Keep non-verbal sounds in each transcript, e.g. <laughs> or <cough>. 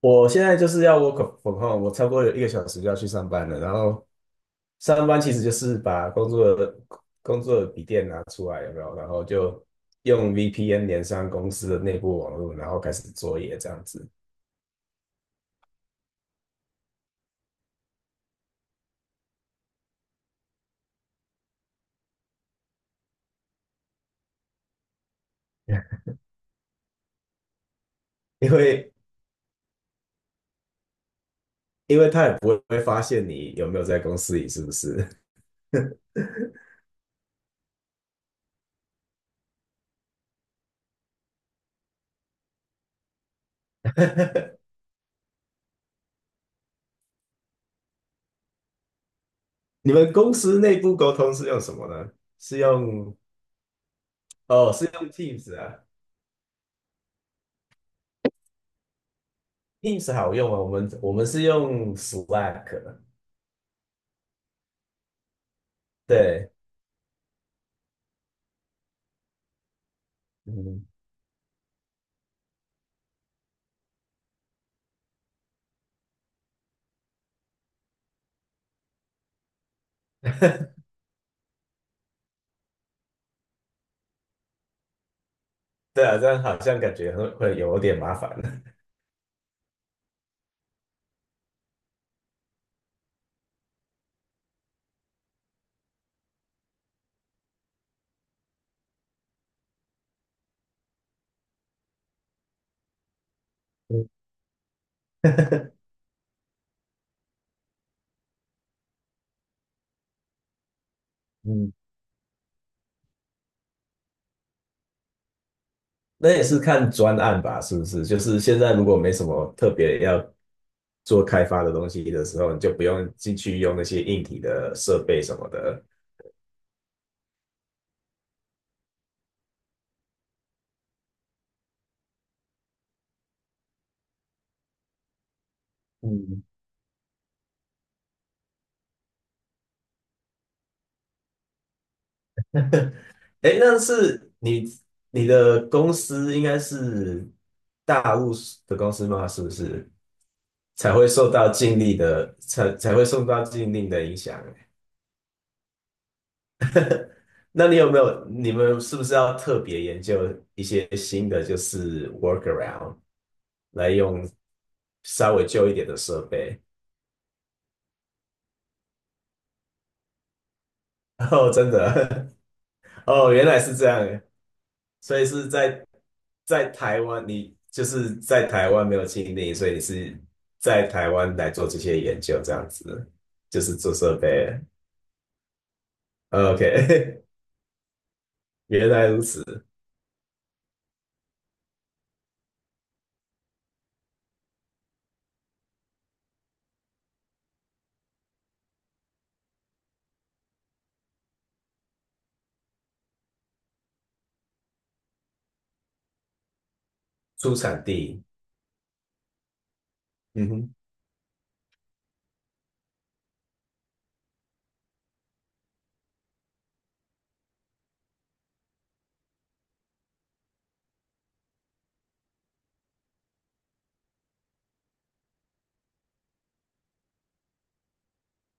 我现在就是要 work from home，我超过1个小时就要去上班了。然后上班其实就是把工作的笔电拿出来，有没有？然后就用 VPN 连上公司的内部网络，然后开始作业这样子。<laughs> 因为因为他也不会发现你有没有在公司里，是不是？<laughs> 你们公司内部沟通是用什么呢？是用哦，是用 Teams 啊，Teams 好用啊，我们是用 Slack，对。嗯 <laughs> 对啊，这样好像感觉会有点麻烦。<laughs> 嗯，那也是看专案吧，是不是？就是现在如果没什么特别要做开发的东西的时候，你就不用进去用那些硬体的设备什么的。嗯，哎，那是你你的公司应该是大陆的公司吗？是不是才会受到禁令的影响欸？<laughs> 那你有没有，你们是不是要特别研究一些新的，就是 workaround 来用稍微旧一点的设备？<laughs> 哦，真的，<laughs> 哦，原来是这样，所以是在台湾，你就是在台湾没有经历，所以你是在台湾来做这些研究，这样子，就是做设备。OK，<laughs> 原来如此，出产地，嗯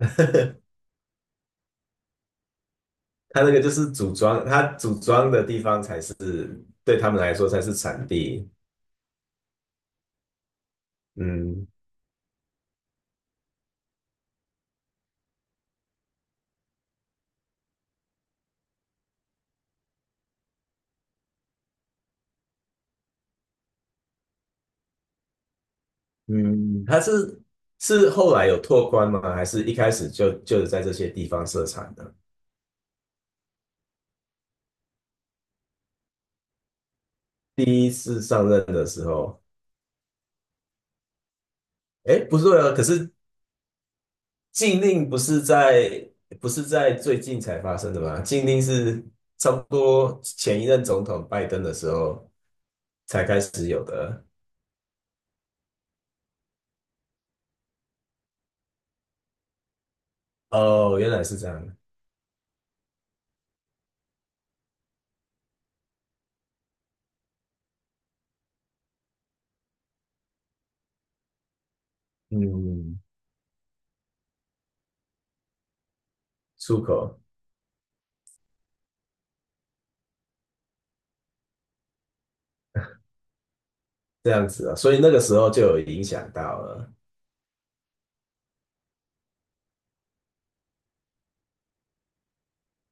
哼，<laughs> 它那个就是组装，它组装的地方才是对他们来说才是产地。嗯嗯，它是是后来有拓宽吗？还是一开始就是在这些地方设厂的？第一次上任的时候，哎，不对啊，可是禁令不是在最近才发生的吗？禁令是差不多前一任总统拜登的时候才开始有的。哦，原来是这样。嗯，出口。这样子啊，所以那个时候就有影响到了。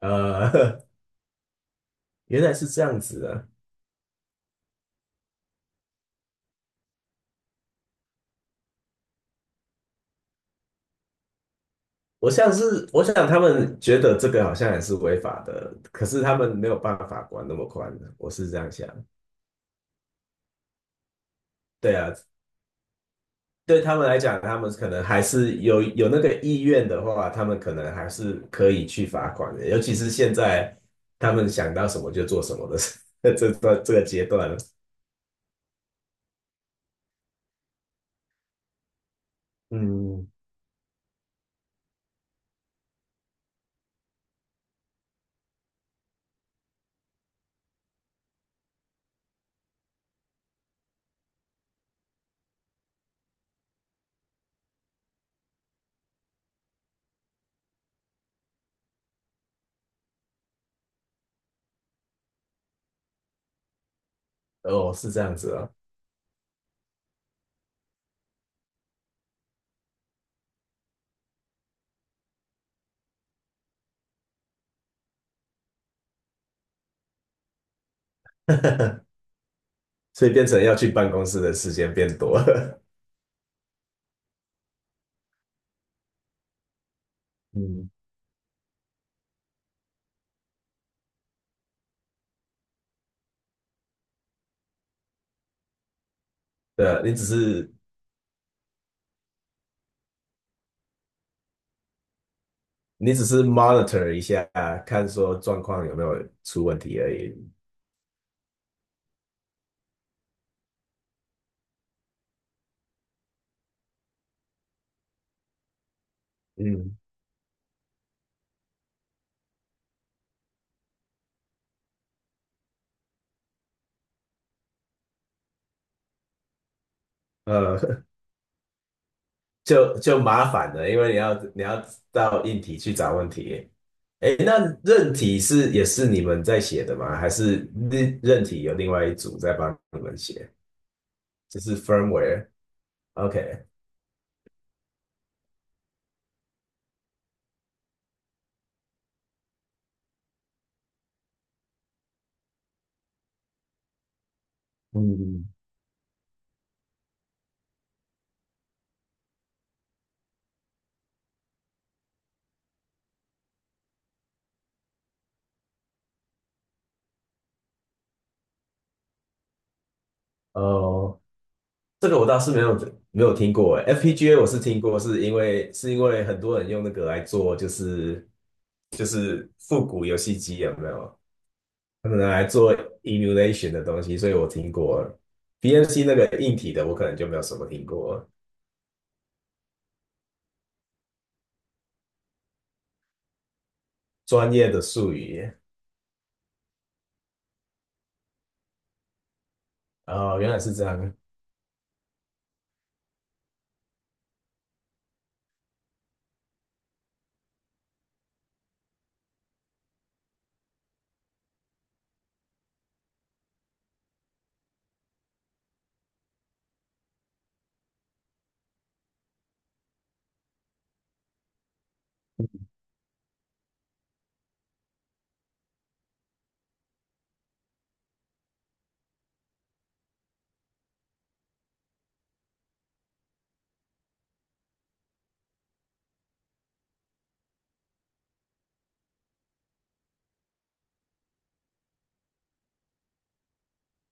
呃，<laughs> 原来是这样子啊。我像是，我想他们觉得这个好像也是违法的，可是他们没有办法管那么宽的，我是这样想。对啊，对他们来讲，他们可能还是有有那个意愿的话，他们可能还是可以去罚款的，尤其是现在他们想到什么就做什么的 <laughs> 这段这个阶段了嗯，哦，是这样子啊，<laughs> 所以变成要去办公室的时间变多了。嗯，对啊你只是 monitor 一下，看说状况有没有出问题而已。嗯，呃，<laughs> 就就麻烦了，因为你要到硬体去找问题。诶，那韧体是也是你们在写的吗？还是韧体有另外一组在帮你们写？就是 firmware。OK。嗯，哦，这个我倒是没有没有听过诶，FPGA 我是听过，是因为很多人用那个来做，就是复古游戏机有没有？他们拿来做 emulation 的东西，所以我听过。BMC 那个硬体的，我可能就没有什么听过专业的术语。哦，原来是这样。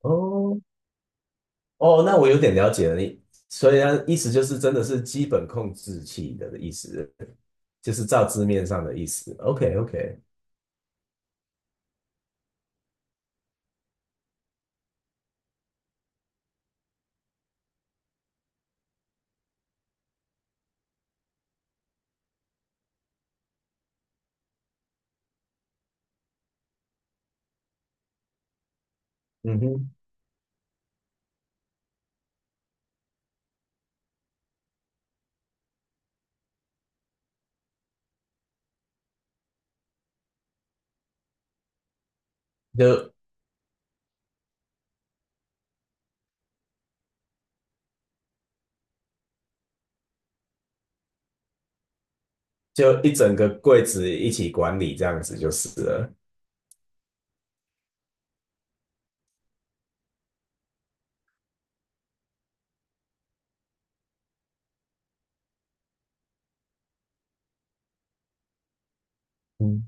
哦哦，那我有点了解了。你所以它意思就是真的是基本控制器的意思，就是照字面上的意思。OK OK，嗯哼，就就一整个柜子一起管理这样子就是了，嗯，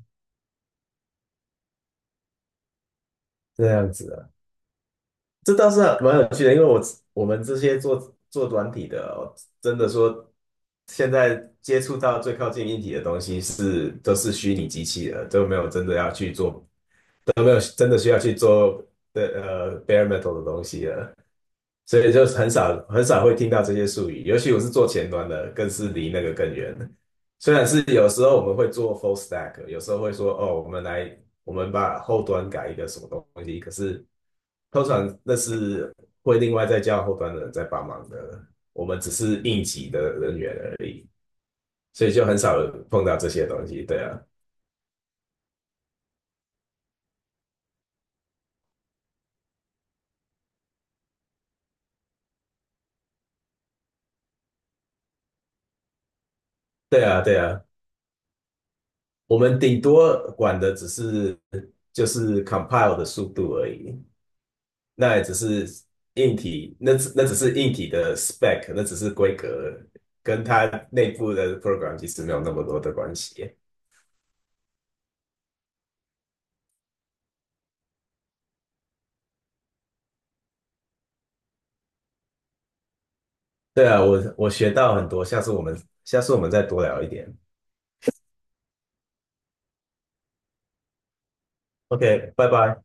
这样子啊，这倒是蛮有趣的，因为我们这些做软体的哦，真的说现在接触到最靠近硬体的东西是都是虚拟机器了，都没有真的要去做有没有真的需要去做的bare metal 的东西啊？所以就很少很少会听到这些术语，尤其我是做前端的，更是离那个更远。虽然是有时候我们会做 full stack，有时候会说哦，我们来我们把后端改一个什么东西，可是通常那是会另外再叫后端的人在帮忙的，我们只是应急的人员而已，所以就很少碰到这些东西。对啊，对啊，对啊。我们顶多管的只是就是 compile 的速度而已，那也只是硬体，那只是硬体的 spec，那只是规格，跟它内部的 program 其实没有那么多的关系。对啊，我学到很多，下次我们再多聊一点。OK，拜拜。